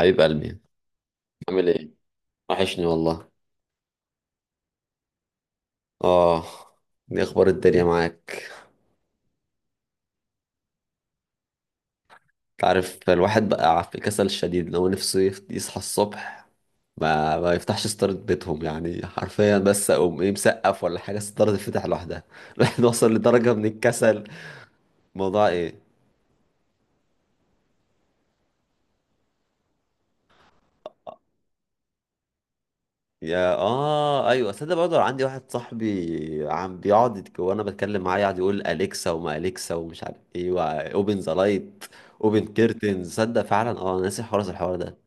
حبيب قلبي، عامل ايه؟ وحشني والله. اه، دي اخبار الدنيا معاك؟ تعرف الواحد بقى في كسل شديد، لو نفسه يصحى الصبح ما يفتحش ستارة بيتهم، يعني حرفيا، بس اقوم ايه مسقف ولا حاجة الستارة تتفتح لوحدها الواحد وصل لدرجة من الكسل. موضوع ايه؟ يا اه ايوه، صدق، برضه عندي واحد صاحبي عم بيقعد وانا بتكلم معاه يقعد يقول اليكسا وما اليكسا ومش عارف ايه. اوبن ذا لايت، اوبن كيرتنز. صدق فعلا، اه، أنا ناسي الحوار ده.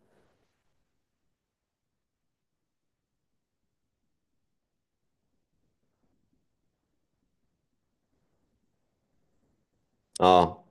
اه،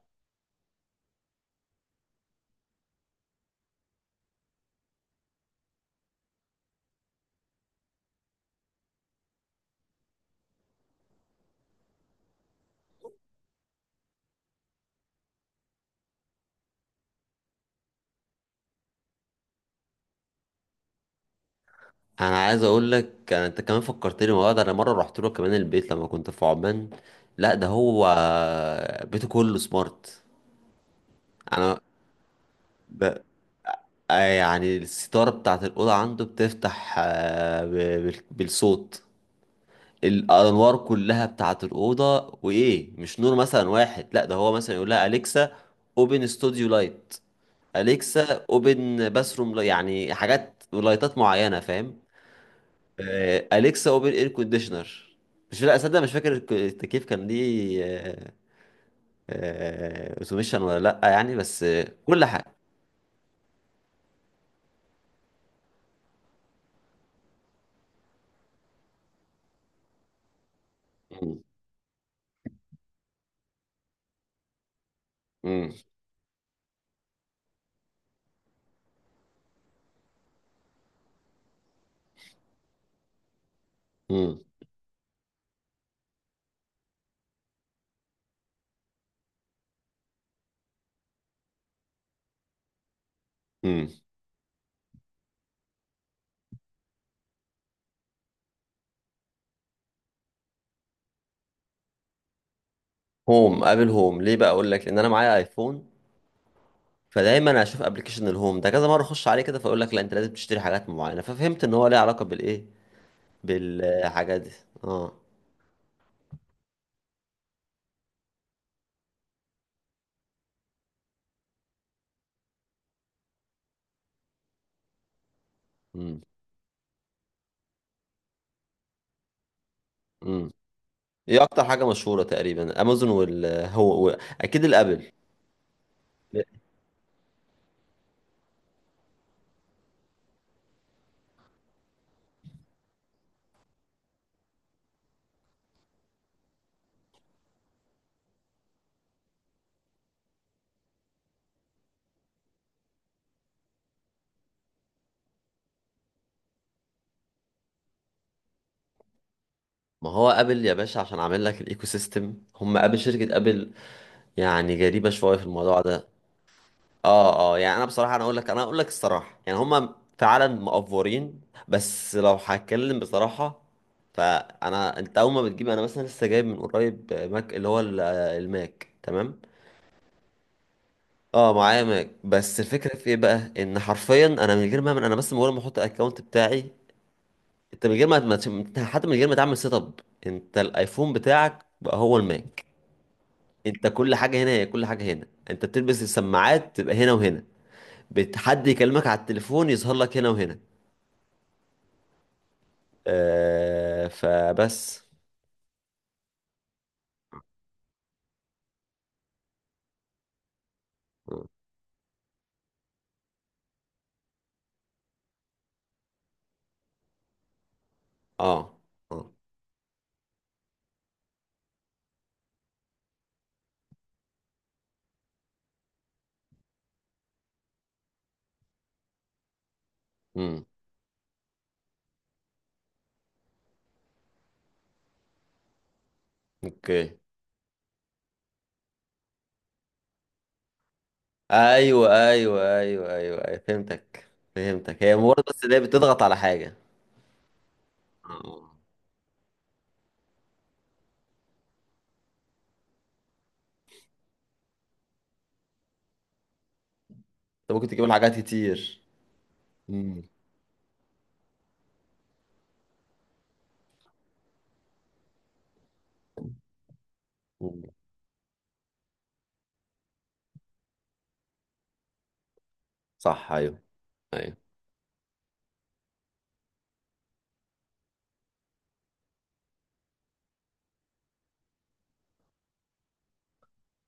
انا عايز اقول لك، انت كمان فكرتني والله. ده انا مره رحت له كمان البيت لما كنت في عمان. لا، ده هو بيته كله سمارت. انا ب... يعني الستاره بتاعت الاوضه عنده بتفتح، بالصوت الانوار كلها بتاعت الاوضه، وايه مش نور مثلا واحد، لا ده هو مثلا يقول لها اليكسا اوبن ستوديو لايت، اليكسا اوبن باثروم، يعني حاجات ولايتات معينه، فاهم؟ اليكسا اوبن اير كونديشنر. مش لا اصدق، مش فاكر التكييف كان ليه، اوتوميشن ولا لا يعني، بس كل حاجه. مم. مم. مم. مم. هوم، ابل هوم. ليه بقى اقول لك؟ لان انا معايا ايفون، فدايما اشوف ابلكيشن الهوم ده كذا مره، اخش عليه كده، فاقول لك لا انت لازم تشتري حاجات معينه، ففهمت ان هو ليه علاقه بالايه، بالحاجات دي. اه. مم. مم. ايه اكتر حاجه مشهوره؟ تقريبا امازون والهو، اكيد الابل. ما هو ابل يا باشا، عشان عامل لك الايكو سيستم، هم ابل شركه ابل، يعني جريبه شويه في الموضوع ده. اه، اه، يعني انا بصراحه، انا اقول لك الصراحه، يعني هم فعلا مقفورين، بس لو هتكلم بصراحه. فانا انت اول ما بتجيب، انا مثلا لسه جايب من قريب ماك، اللي هو الماك، تمام؟ اه معايا ماك، بس الفكره في ايه بقى؟ ان حرفيا انا من غير ما اعمل، انا بس مجرد ما احط الاكونت بتاعي، انت من غير ما حتى من غير ما تعمل سيت اب، انت الايفون بتاعك بقى هو الماك. انت كل حاجه هنا، هي كل حاجه هنا، انت بتلبس السماعات تبقى هنا وهنا، حد يكلمك على التليفون يظهر لك هنا وهنا. فبس. اه، اه، امم، اوكي، ايوه ايوه ايوه ايوه ايوه، فهمتك فهمتك، هي مجرد بس ان هي بتضغط على حاجه. اه، انت ممكن تجيب لها حاجات كتير. امم، صح، ايوه، ايوه.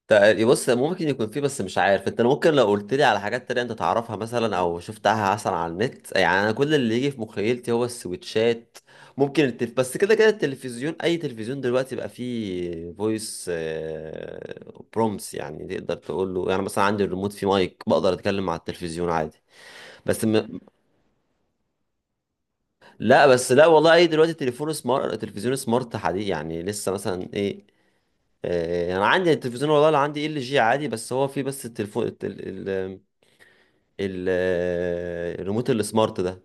بص، ممكن يكون فيه، بس مش عارف، انت ممكن لو قلت لي على حاجات تانية انت تعرفها مثلا، او شفتها مثلا على النت. يعني انا كل اللي يجي في مخيلتي هو السويتشات. ممكن بس كده كده التلفزيون، اي تلفزيون دلوقتي بقى فيه فويس برومس، يعني تقدر تقول له يعني، مثلا عندي الريموت فيه مايك، بقدر اتكلم مع التلفزيون عادي. بس م... لا بس لا والله، اي دلوقتي تليفون سمارت، تلفزيون سمارت حديث، يعني لسه مثلا ايه. آه، انا عندي التلفزيون والله اللي عندي LG عادي، بس هو فيه بس التليفون ال- الريموت السمارت ده،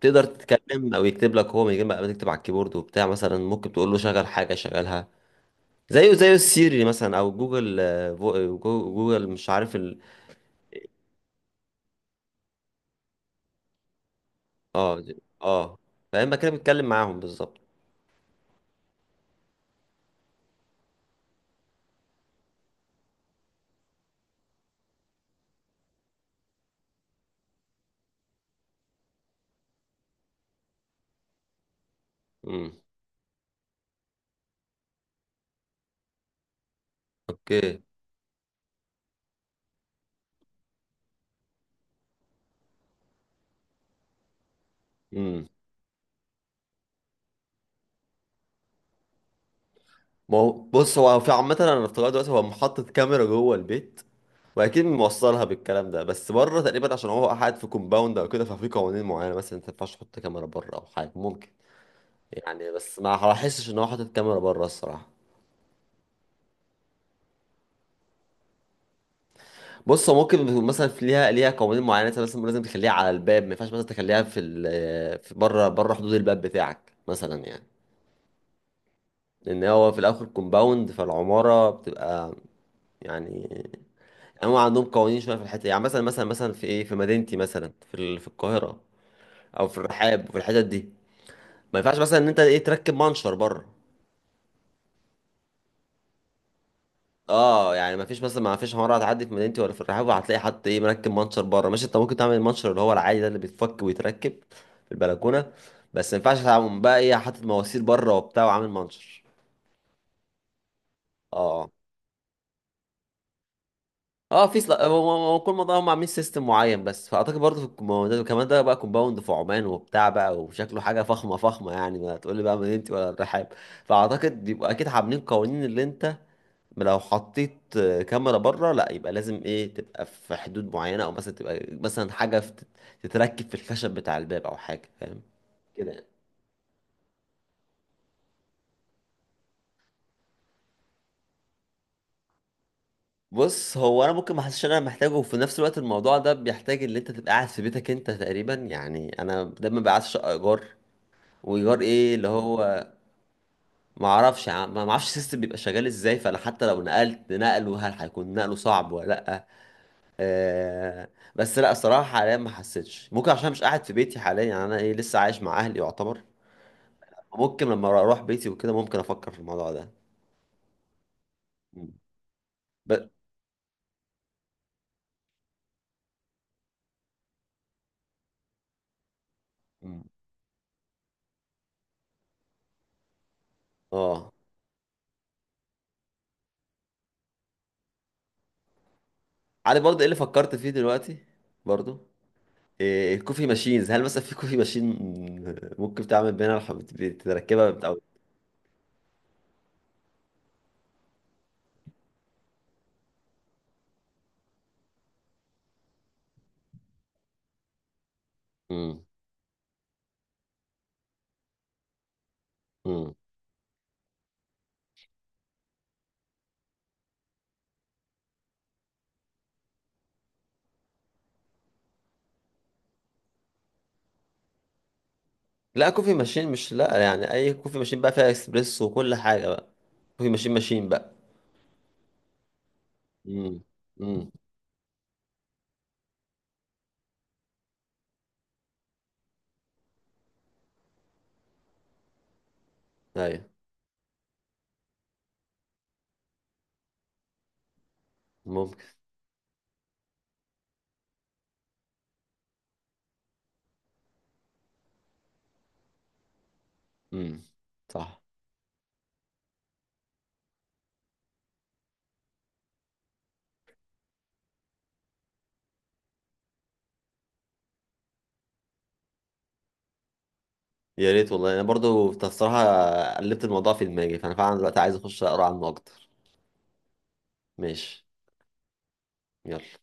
تقدر تتكلم او يكتب لك، هو من غير ما تكتب على الكيبورد وبتاع، مثلا ممكن تقول له شغل حاجه شغلها، زيه زي السيري مثلا، او جوجل آه، فو- جو- جوجل، مش عارف ال. اه، اه، فاما كده بتتكلم معاهم بالظبط. امم، اوكي، امم. ما هو بص، هو في عامه انا افتكرت دلوقتي، هو محطة كاميرا جوه البيت، واكيد موصلها بالكلام ده، بس بره تقريبا، عشان هو قاعد في كومباوند او كده، ففي قوانين معينه مثلا، ما ينفعش تحط كاميرا بره، او حاجه ممكن. يعني بس ما هحسش ان هو حاطط كاميرا بره الصراحه. بص هو ممكن يكون مثلا في ليها قوانين معينه، مثلا لازم لازم تخليها على الباب، ما ينفعش مثلا تخليها في في بره، بره حدود الباب بتاعك مثلا، يعني لان هو في الاخر كومباوند، فالعماره بتبقى يعني، هم عندهم قوانين شويه في الحته دي. يعني مثلا في ايه؟ في مدينتي مثلا، في في القاهره، او في الرحاب وفي الحتت دي، ما ينفعش مثلا ان انت ايه تركب منشر بره. اه، يعني ما فيش حوار هتعدي في مدينتي ولا في الرحاب هتلاقي حد ايه مركب منشر بره. ماشي، انت ممكن تعمل المنشر اللي هو العادي ده اللي بيتفك ويتركب في البلكونه، بس ما ينفعش تعمل بقى ايه حاطط مواسير بره وبتاع وعامل منشر. اه، اه، هو كل منطقه هم عاملين سيستم معين، بس فاعتقد برضه في الكومباوندات، وكمان ده بقى كومباوند في عمان وبتاع بقى، وشكله حاجه فخمه فخمه، يعني ما تقول لي بقى مدينتي ولا الرحاب. فاعتقد بيبقى اكيد عاملين قوانين، اللي انت لو حطيت كاميرا بره، لا يبقى لازم ايه تبقى في حدود معينة، او مثلا تبقى مثلا حاجة تتركب في الخشب بتاع الباب، او حاجة، فاهم كده يعني؟ بص هو انا ممكن ما حسش ان انا محتاجه، وفي نفس الوقت الموضوع ده بيحتاج ان انت تبقى قاعد في بيتك انت تقريبا، يعني انا دايما بقى قاعد في شقه ايجار. وايجار ايه اللي هو، ما اعرفش، ما اعرفش السيستم بيبقى شغال ازاي، فانا حتى لو نقلت نقله، هل هيكون نقله صعب ولا لا؟ آه، بس لا، الصراحة حاليا ما حسيتش، ممكن عشان مش قاعد في بيتي حاليا، يعني انا ايه، لسه عايش مع اهلي يعتبر. ممكن لما اروح بيتي وكده ممكن افكر في الموضوع ده. مم. ب... مم. اه. عارف برضه ايه اللي فكرت فيه دلوقتي برضه؟ إيه الكوفي ماشينز؟ هل مثلا في كوفي ماشين ممكن تعمل بينا تركبها، او. مم. مم. لا، كوفي ماشين، مش لا يعني اي كوفي ماشين بقى فيها اكسبريس وكل حاجة بقى، كوفي ماشين بقى. مم. مم. ايوه، ممكن. مم. صح. يا ريت والله، انا برضو الصراحه قلبت الموضوع في دماغي، فانا فعلا دلوقتي عايز اخش اقرا عنه اكتر. ماشي. يلا.